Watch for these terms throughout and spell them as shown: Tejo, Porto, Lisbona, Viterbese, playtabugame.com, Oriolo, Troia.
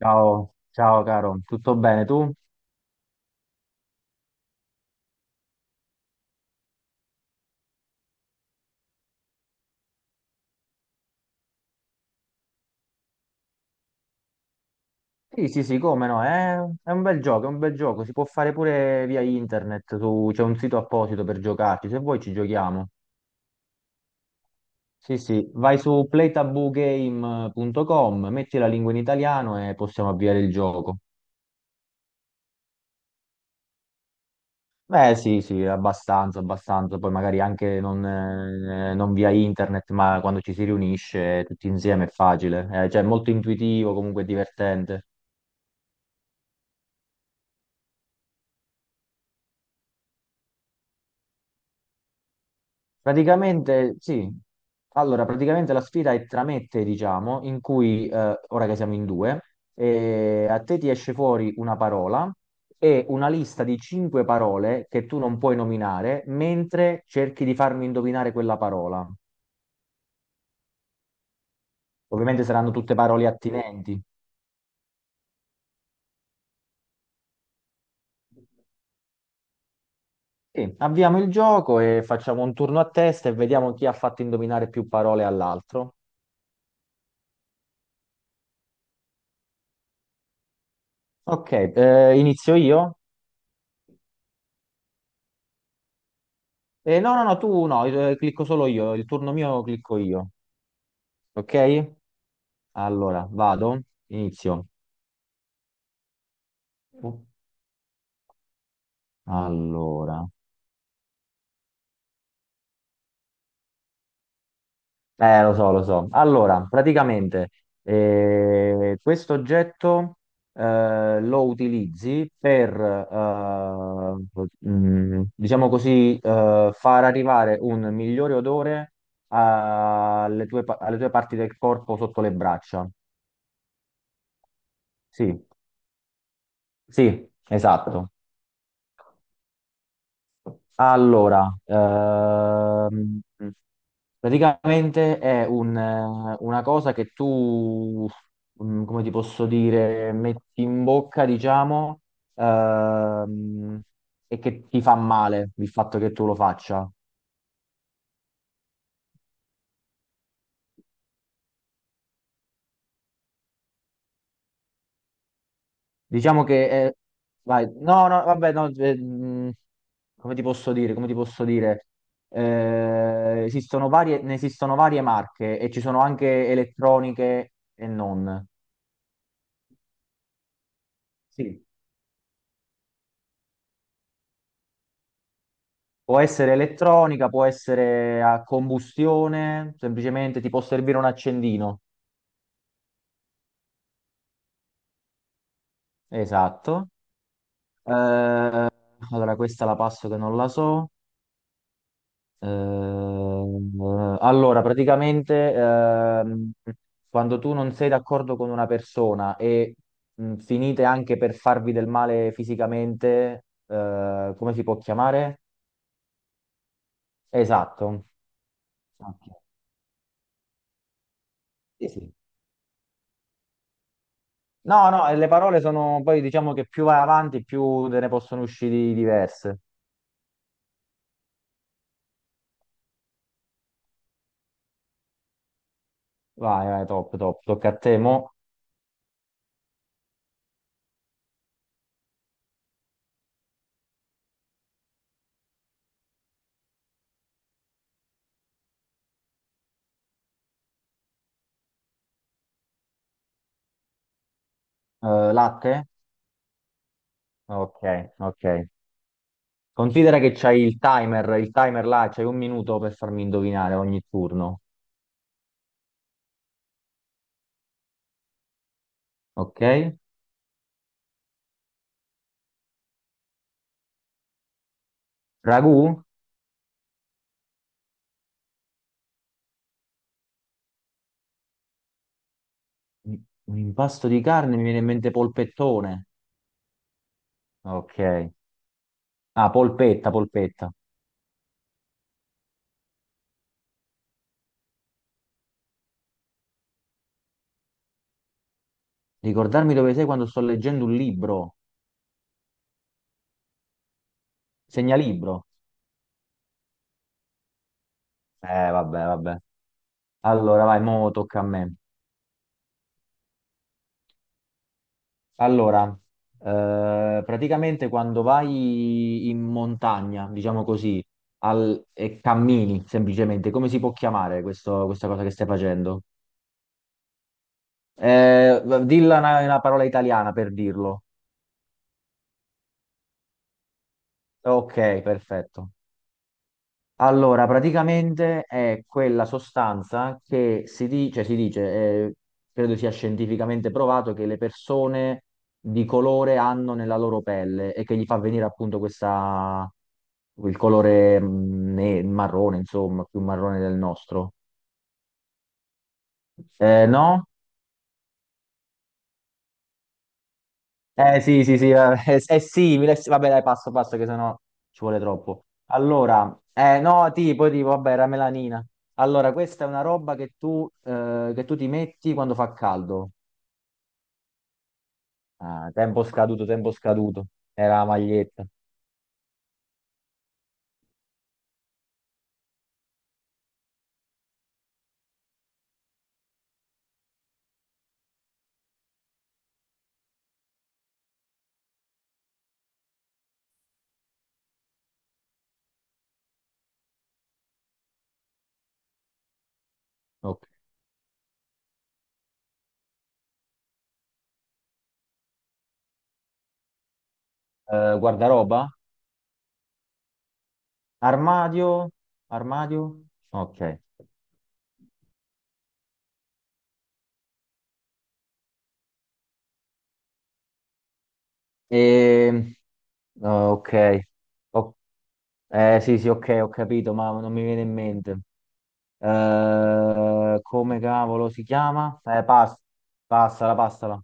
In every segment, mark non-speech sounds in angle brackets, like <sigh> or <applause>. Ciao, ciao caro, tutto bene tu? Sì, sì, sì, come no, è un bel gioco, è un bel gioco, si può fare pure via internet, c'è un sito apposito per giocarci, se vuoi ci giochiamo. Sì, sì, vai su playtabugame.com, metti la lingua in italiano e possiamo avviare il gioco. Beh, sì, sì, abbastanza, abbastanza, poi magari anche non via internet, ma quando ci si riunisce tutti insieme è facile. Cioè è molto intuitivo, comunque è divertente. Praticamente sì, allora praticamente la sfida è tra me e te, diciamo, in cui ora che siamo in due, a te ti esce fuori una parola e una lista di cinque parole che tu non puoi nominare mentre cerchi di farmi indovinare quella parola. Ovviamente saranno tutte parole attinenti. Sì, avviamo il gioco e facciamo un turno a testa e vediamo chi ha fatto indovinare più parole all'altro. Ok, inizio io? No, no, no, tu no, clicco solo io, il turno mio clicco io. Ok? Allora, vado, inizio. Allora, lo so, lo so. Allora, praticamente, questo oggetto lo utilizzi per, diciamo così, far arrivare un migliore odore alle tue parti del corpo sotto le braccia. Sì, sì, esatto. Allora, praticamente è una cosa che tu, come ti posso dire, metti in bocca, diciamo, ehm, e che ti fa male il fatto che tu lo faccia. Diciamo che è. Vai, no, no, vabbè, no, come ti posso dire, come ti posso dire? Ne esistono varie marche e ci sono anche elettroniche e non. Sì. Può essere elettronica, può essere a combustione, semplicemente ti può servire un accendino. Esatto. Allora, questa la passo che non la so. Allora, praticamente, quando tu non sei d'accordo con una persona e finite anche per farvi del male fisicamente, come si può chiamare? Esatto. Ok. Sì, sì. No, no, e le parole sono poi diciamo che più vai avanti, più te ne possono uscire diverse. Vai, vai, top, top. Tocca a te, mo. Latte? Ok, ok. Considera che c'hai il timer là, c'hai 1 minuto per farmi indovinare ogni turno. Ok? Ragù? Un impasto di carne, mi viene in mente polpettone. Ok. Ah, polpetta, polpetta. Ricordarmi dove sei quando sto leggendo un libro. Segnalibro. Vabbè, vabbè. Allora, vai, mo tocca a me. Allora, praticamente quando vai in montagna, diciamo così, e cammini semplicemente, come si può chiamare questa cosa che stai facendo? Dilla una parola italiana per dirlo. Ok, perfetto. Allora, praticamente è quella sostanza che si dice, credo sia scientificamente provato, che le persone di colore hanno nella loro pelle e che gli fa venire appunto questa, il colore marrone, insomma, più marrone del nostro. No? Eh sì, sì, sì, <laughs> è simile, sì, vabbè dai, passo passo che sennò ci vuole troppo. Allora, no, tipo, vabbè, era melanina. Allora, questa è una roba che che tu ti metti quando fa caldo. Ah, tempo scaduto, tempo scaduto. Era la maglietta. Ok. Guardaroba? Armadio? Armadio? Ok. E... ok. Ok. Eh sì, sì, ok, ho capito, ma non mi viene in mente. Come cavolo si chiama? Passala, passala.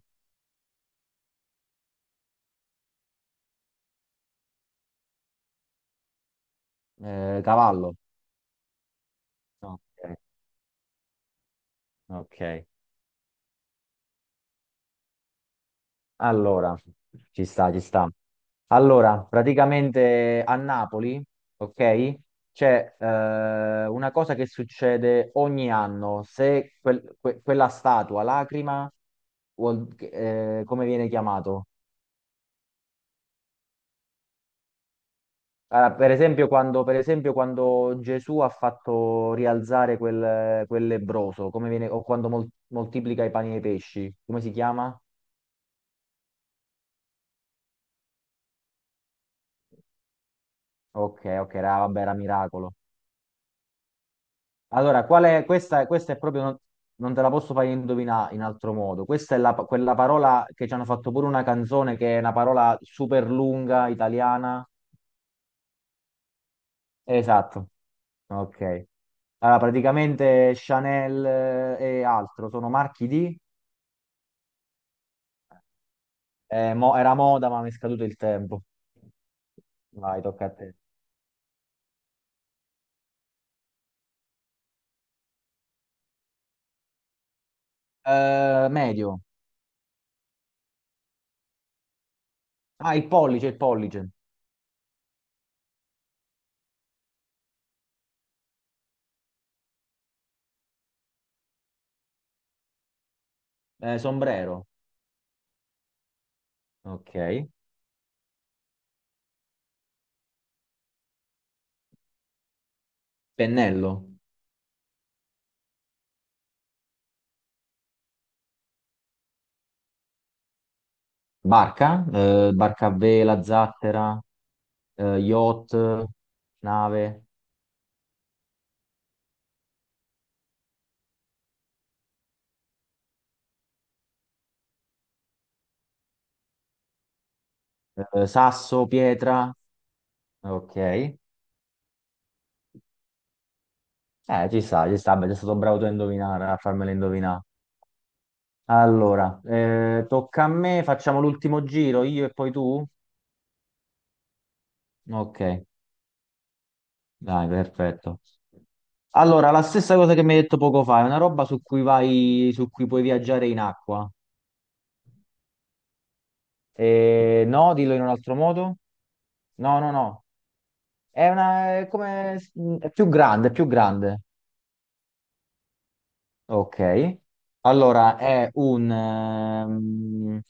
Cavallo. No. Ok, ok. Allora, ci sta, ci sta. Allora, praticamente a Napoli, ok, c'è una cosa che succede ogni anno. Se quella statua, lacrima, come viene chiamato? Ah, per esempio, quando Gesù ha fatto rialzare quel lebbroso, come viene, o quando moltiplica i pani e i pesci, come si chiama? Ok, ok, era, vabbè, era miracolo. Allora, qual è, questa è proprio, non te la posso fare indovinare in altro modo. Questa è quella parola che ci hanno fatto pure una canzone, che è una parola super lunga, italiana. Esatto, ok. Allora, praticamente Chanel e altro sono marchi di. Era moda, ma mi è scaduto il tempo. Vai, tocca a te. Medio. Ah, il pollice, il pollice. Sombrero. Ok. Pennello. Barca. Barca a vela, zattera, yacht, nave, sasso, pietra. Ok. Ci sta, ci sta. Beh, sei stato bravo tu a indovinare, a farmela indovinare. Allora, tocca a me, facciamo l'ultimo giro, io e poi tu? Ok. Dai, perfetto. Allora, la stessa cosa che mi hai detto poco fa, è una roba su cui puoi viaggiare in acqua. No, dillo in un altro modo. No, no, no. È una, è come, è più grande, è più grande. Ok, allora è un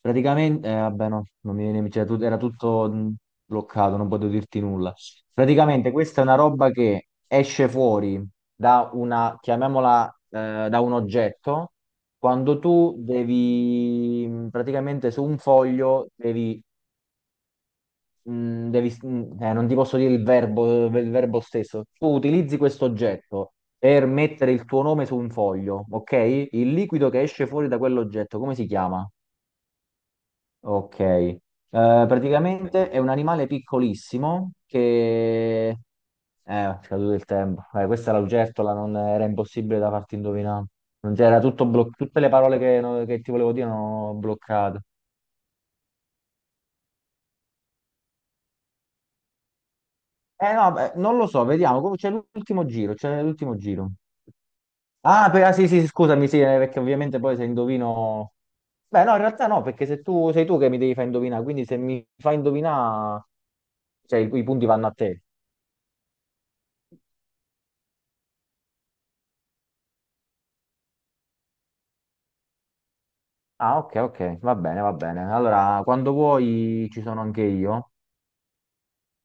praticamente, vabbè, no, non mi viene, cioè, era tutto bloccato, non potevo dirti nulla. Praticamente, questa è una roba che esce fuori chiamiamola, da un oggetto. Quando tu devi, praticamente su un foglio, devi non ti posso dire il verbo stesso. Tu utilizzi questo oggetto per mettere il tuo nome su un foglio, ok? Il liquido che esce fuori da quell'oggetto, come si chiama? Ok. Praticamente è un animale piccolissimo che. È scaduto il tempo. Questa era l'ugertola, non era impossibile da farti indovinare. Non c'era tutte le parole che, no- che ti volevo dire erano bloccate. Eh no, beh, non lo so, vediamo. C'è l'ultimo giro, c'è l'ultimo giro. Ah, ah, sì, sì, scusami, sì, perché ovviamente poi se indovino. Beh, no, in realtà no, perché se tu sei tu che mi devi far indovinare, quindi se mi fai indovinare, cioè i punti vanno a te. Ah, ok, ok, va bene, va bene. Allora, quando vuoi ci sono anche io.